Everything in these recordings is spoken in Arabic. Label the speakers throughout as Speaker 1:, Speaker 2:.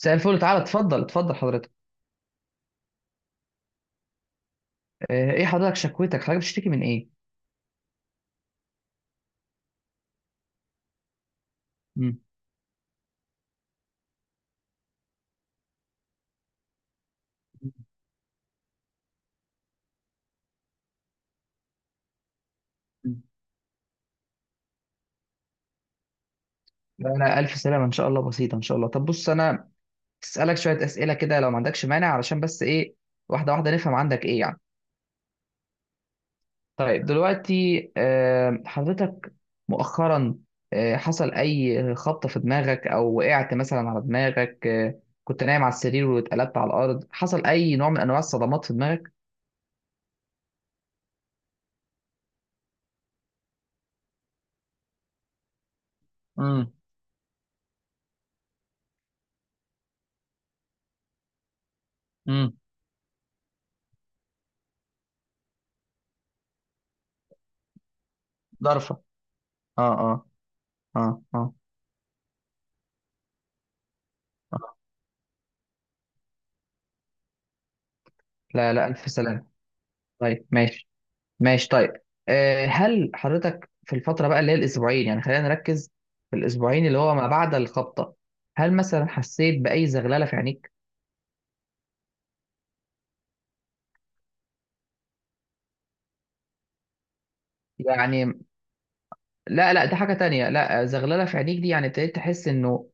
Speaker 1: مساء الفل، تعالى، اتفضل اتفضل حضرتك. ايه حضرتك شكوتك، حضرتك بتشتكي من ايه؟ مم. مم. لا، انا الف سلامه ان شاء الله، بسيطه ان شاء الله. طب بص، انا اسالك شويه اسئله كده لو ما عندكش مانع، علشان بس ايه، واحده واحده نفهم عندك ايه يعني. طيب دلوقتي، حضرتك مؤخرا، حصل اي خبطه في دماغك او وقعت مثلا على دماغك؟ كنت نايم على السرير واتقلبت على الارض؟ حصل اي نوع من انواع الصدمات في دماغك؟ امم، امم. ضرفة. اه، اه، اه، اه. لا، لا، ألف سلامة. طيب، ماشي. ماشي طيب. هل حضرتك في الفترة بقى اللي هي الأسبوعين، يعني خلينا نركز في الأسبوعين اللي هو ما بعد الخبطة، هل مثلا حسيت بأي زغللة في عينيك؟ يعني. لا، لا، دي حاجة تانية. لا، زغللة في عينيك دي يعني ابتديت تحس إنه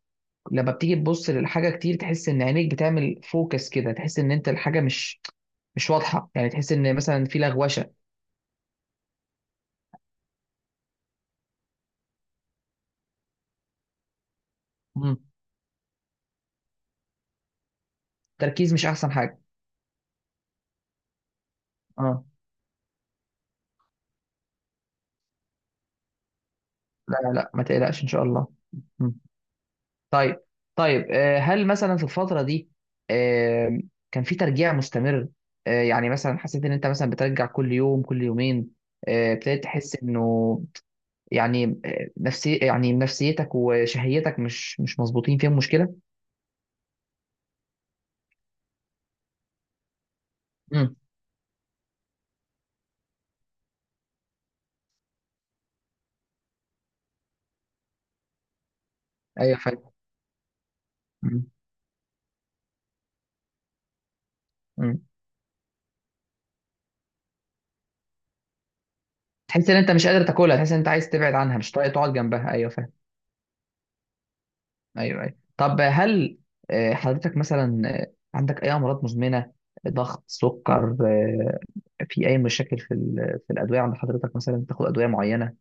Speaker 1: لما بتيجي تبص للحاجة كتير، تحس إن عينيك بتعمل فوكس كده، تحس إن أنت الحاجة مش واضحة يعني، تحس إن مثلا في لغوشة. مم. تركيز، مش أحسن حاجة. اه، لا لا ما تقلقش إن شاء الله. مم. طيب. طيب، هل مثلا في الفترة دي آه، كان في ترجيع مستمر؟ يعني مثلا حسيت ان انت مثلا بترجع كل يوم كل يومين، ابتديت تحس انه يعني، نفسيتك وشهيتك مش مظبوطين فيهم مشكلة؟ امم. ايوه، فاهم. مم. مم. تحس ان انت مش قادر تاكلها، تحس ان انت عايز تبعد عنها، مش طايق تقعد جنبها؟ ايوه، فاهم. ايوه، ايوه. طب هل حضرتك مثلا عندك اي امراض مزمنه؟ ضغط، سكر، في اي مشاكل في في الادويه عند حضرتك، مثلا تاخد ادويه معينه؟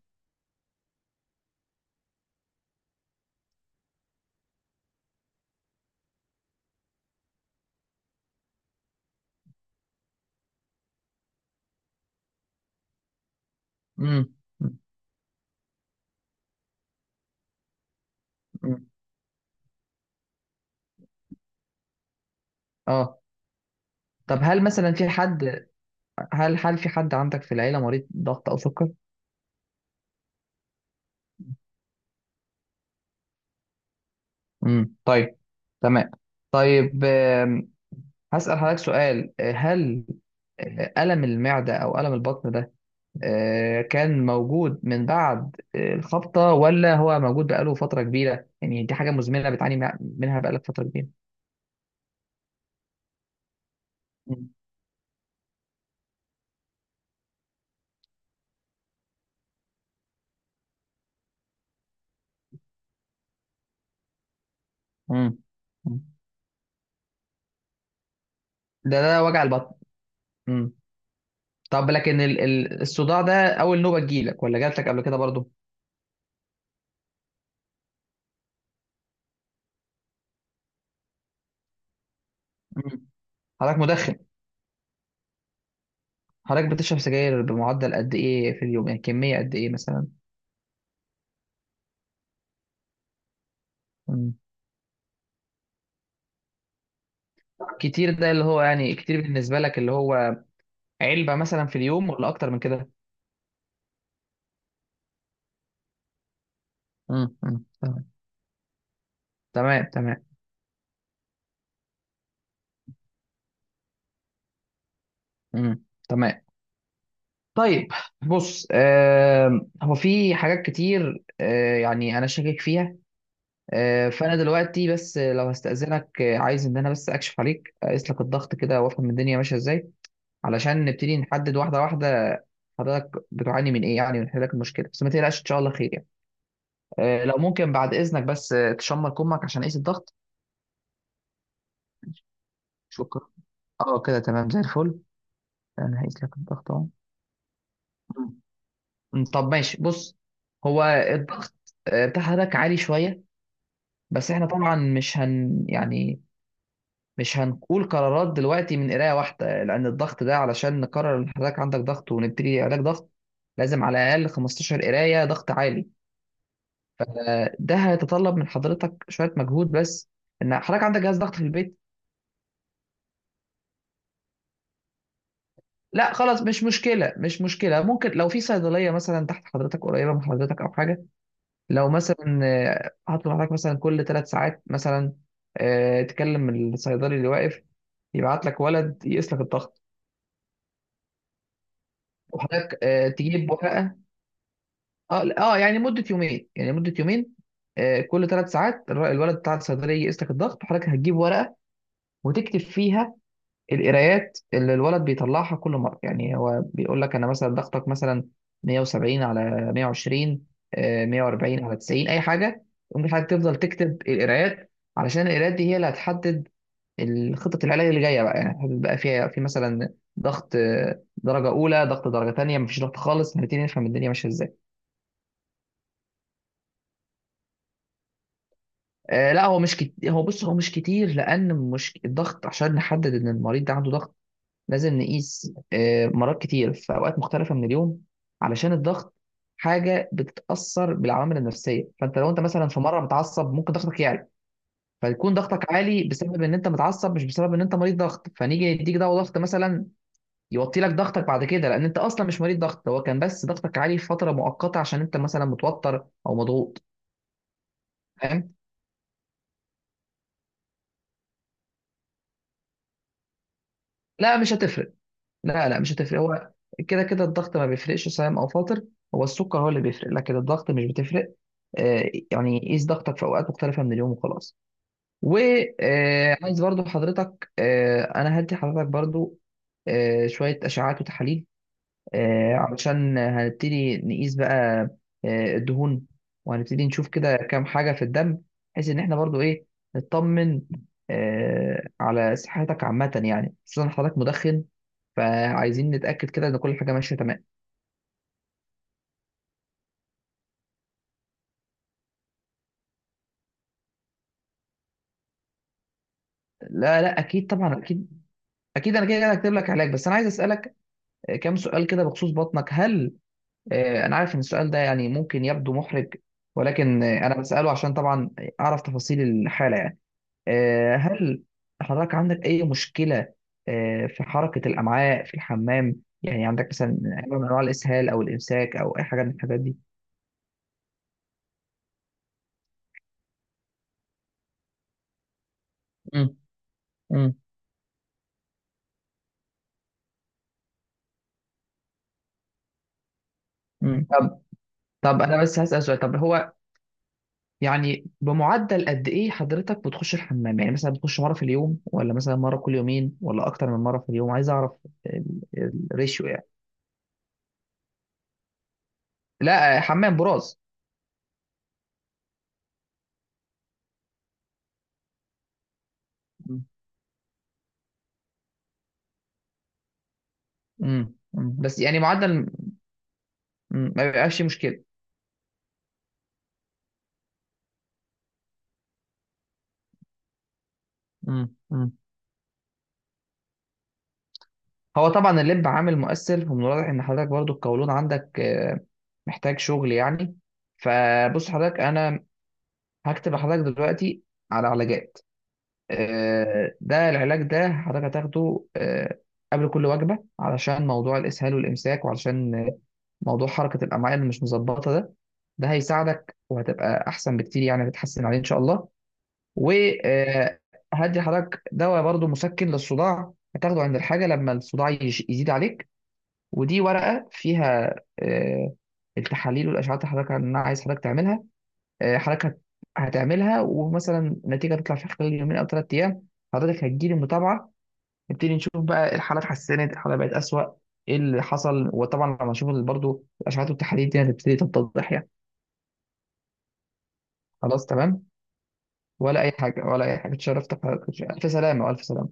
Speaker 1: امم، اه. طب هل مثلا في حد، هل في حد عندك في العيله مريض ضغط او سكر؟ امم، طيب، تمام، طيب. هسأل حضرتك سؤال. هل الم المعده او الم البطن ده كان موجود من بعد الخبطة، ولا هو موجود بقاله فترة كبيرة؟ يعني دي حاجة مزمنة بتعاني منها بقالك فترة كبيرة؟ مم. مم. مم. ده وجع البطن. مم. طب لكن الصداع ده، أول نوبة تجيلك ولا جاتلك قبل كده برضو؟ مم. حضرتك مدخن؟ حضرتك بتشرب سجاير بمعدل قد إيه في اليوم؟ يعني كمية قد إيه مثلا. مم. كتير، ده اللي هو يعني، كتير بالنسبة لك اللي هو علبة مثلا في اليوم ولا أكتر من كده؟ مم. مم. تمام، تمام، تمام. مم. تمام. طيب بص، هو في حاجات كتير، يعني انا شاكك فيها. فانا دلوقتي بس لو هستأذنك، عايز ان انا بس اكشف عليك، اقيس لك الضغط كده وافهم الدنيا ماشيه ازاي، علشان نبتدي نحدد واحده واحده حضرتك بتعاني من ايه يعني، ونحل لك المشكله. بس ما تقلقش، ان شاء الله خير يعني. لو ممكن بعد اذنك، بس تشمر كمك عشان اقيس الضغط. شكرا. اه، كده تمام زي الفل. انا هقيس لك الضغط اهو. طب ماشي، بص. هو الضغط بتاع حضرتك عالي شويه. بس احنا طبعا مش هن يعني مش هنقول قرارات دلوقتي من قرايه واحده، لان الضغط ده علشان نقرر ان حضرتك عندك ضغط ونبتدي علاج ضغط، لازم على الاقل 15 قرايه ضغط عالي. ده هيتطلب من حضرتك شويه مجهود، بس ان حضرتك عندك جهاز ضغط في البيت؟ لا خلاص، مش مشكله، مش مشكله. ممكن لو في صيدليه مثلا تحت حضرتك، قريبه من حضرتك، او حاجه. لو مثلا هطلب حضرتك مثلا كل 3 ساعات مثلا، تكلم الصيدلي اللي واقف يبعت لك ولد يقيس لك الضغط، وحضرتك تجيب ورقه. اه لا، اه يعني مده يومين، يعني مده يومين، كل 3 ساعات الولد بتاع الصيدليه يقيس لك الضغط، وحضرتك هتجيب ورقه وتكتب فيها القرايات اللي الولد بيطلعها كل مره، يعني هو بيقول لك انا مثلا ضغطك مثلا 170 على 120، 140 على 90، اي حاجه. ممكن حضرتك تفضل تكتب القرايات، علشان القرايات دي هي اللي هتحدد الخطة العلاج اللي جاية بقى، يعني هتحدد بقى فيها في مثلا ضغط درجة أولى، ضغط درجة تانية، مفيش ضغط خالص. هنبتدي نفهم الدنيا ماشية إزاي. لا، هو مش كتير، هو بص، هو مش كتير لأن مش الضغط عشان نحدد إن المريض ده عنده ضغط، لازم نقيس مرات كتير في اوقات مختلفه من اليوم. علشان الضغط حاجه بتتاثر بالعوامل النفسيه، فانت لو انت مثلا في مره متعصب ممكن ضغطك يعلى، فيكون ضغطك عالي بسبب ان انت متعصب، مش بسبب ان انت مريض ضغط. فنيجي نديك دواء ضغط مثلا يوطي لك ضغطك بعد كده، لان انت اصلا مش مريض ضغط، هو كان بس ضغطك عالي في فتره مؤقته عشان انت مثلا متوتر او مضغوط. فاهم؟ لا، مش هتفرق. لا، لا، مش هتفرق. هو كده كده الضغط ما بيفرقش صايم او فاطر. هو السكر هو اللي بيفرق، لكن الضغط مش بتفرق. يعني قيس ضغطك في اوقات مختلفه من اليوم وخلاص. وعايز برضو حضرتك، انا هدي حضرتك برضو شويه اشعاعات وتحاليل، علشان هنبتدي نقيس بقى الدهون، وهنبتدي نشوف كده كام حاجه في الدم، بحيث ان احنا برضو ايه، نطمن على صحتك عامه، يعني خصوصا حضرتك مدخن فعايزين نتاكد كده ان كل حاجه ماشيه تمام. لا، لا، اكيد، طبعا، اكيد. اكيد انا كده كده هكتب لك علاج، بس انا عايز اسالك كام سؤال كده بخصوص بطنك. هل آه، انا عارف ان السؤال ده يعني ممكن يبدو محرج، ولكن انا بساله عشان طبعا اعرف تفاصيل الحاله يعني. هل حضرتك عندك اي مشكله في حركه الامعاء في الحمام؟ يعني عندك مثلا نوع من انواع الاسهال او الامساك او اي حاجه من الحاجات دي؟ مم. مم. مم. طب. طب انا بس هسال سؤال، طب هو يعني بمعدل قد ايه حضرتك بتخش الحمام؟ يعني مثلا بتخش مره في اليوم، ولا مثلا مره كل يومين، ولا اكتر من مره في اليوم؟ عايز اعرف ال- الريشيو يعني. لا، حمام براز. مم. امم. بس يعني معدل. ما بيبقاش فيه مشكله. امم. هو طبعا اللب عامل مؤثر، ومن الواضح ان حضرتك برضو القولون عندك محتاج شغل يعني. فبص حضرتك، انا هكتب لحضرتك دلوقتي على علاجات. ده العلاج، ده حضرتك هتاخده قبل كل وجبة علشان موضوع الإسهال والإمساك، وعلشان موضوع حركة الأمعاء اللي مش مظبطة ده. ده هيساعدك وهتبقى أحسن بكتير، يعني هتتحسن عليه إن شاء الله. وهدي حضرتك دواء برضو مسكن للصداع، هتاخده عند الحاجة لما الصداع يزيد عليك. ودي ورقة فيها التحاليل والأشعات اللي حضرتك أنا عايز حضرتك تعملها. حضرتك هتعملها، ومثلا النتيجه تطلع في خلال يومين او 3 ايام، حضرتك هتجيلي متابعه. نبتدي نشوف بقى، الحاله اتحسنت، الحاله بقت اسوأ، ايه اللي حصل. وطبعا لما نشوف برضه الاشعاعات والتحاليل دي هتبتدي تتضح يعني. خلاص، تمام. ولا اي حاجه، ولا اي حاجه. اتشرفت بحضرتك، الف سلامه والف سلامه.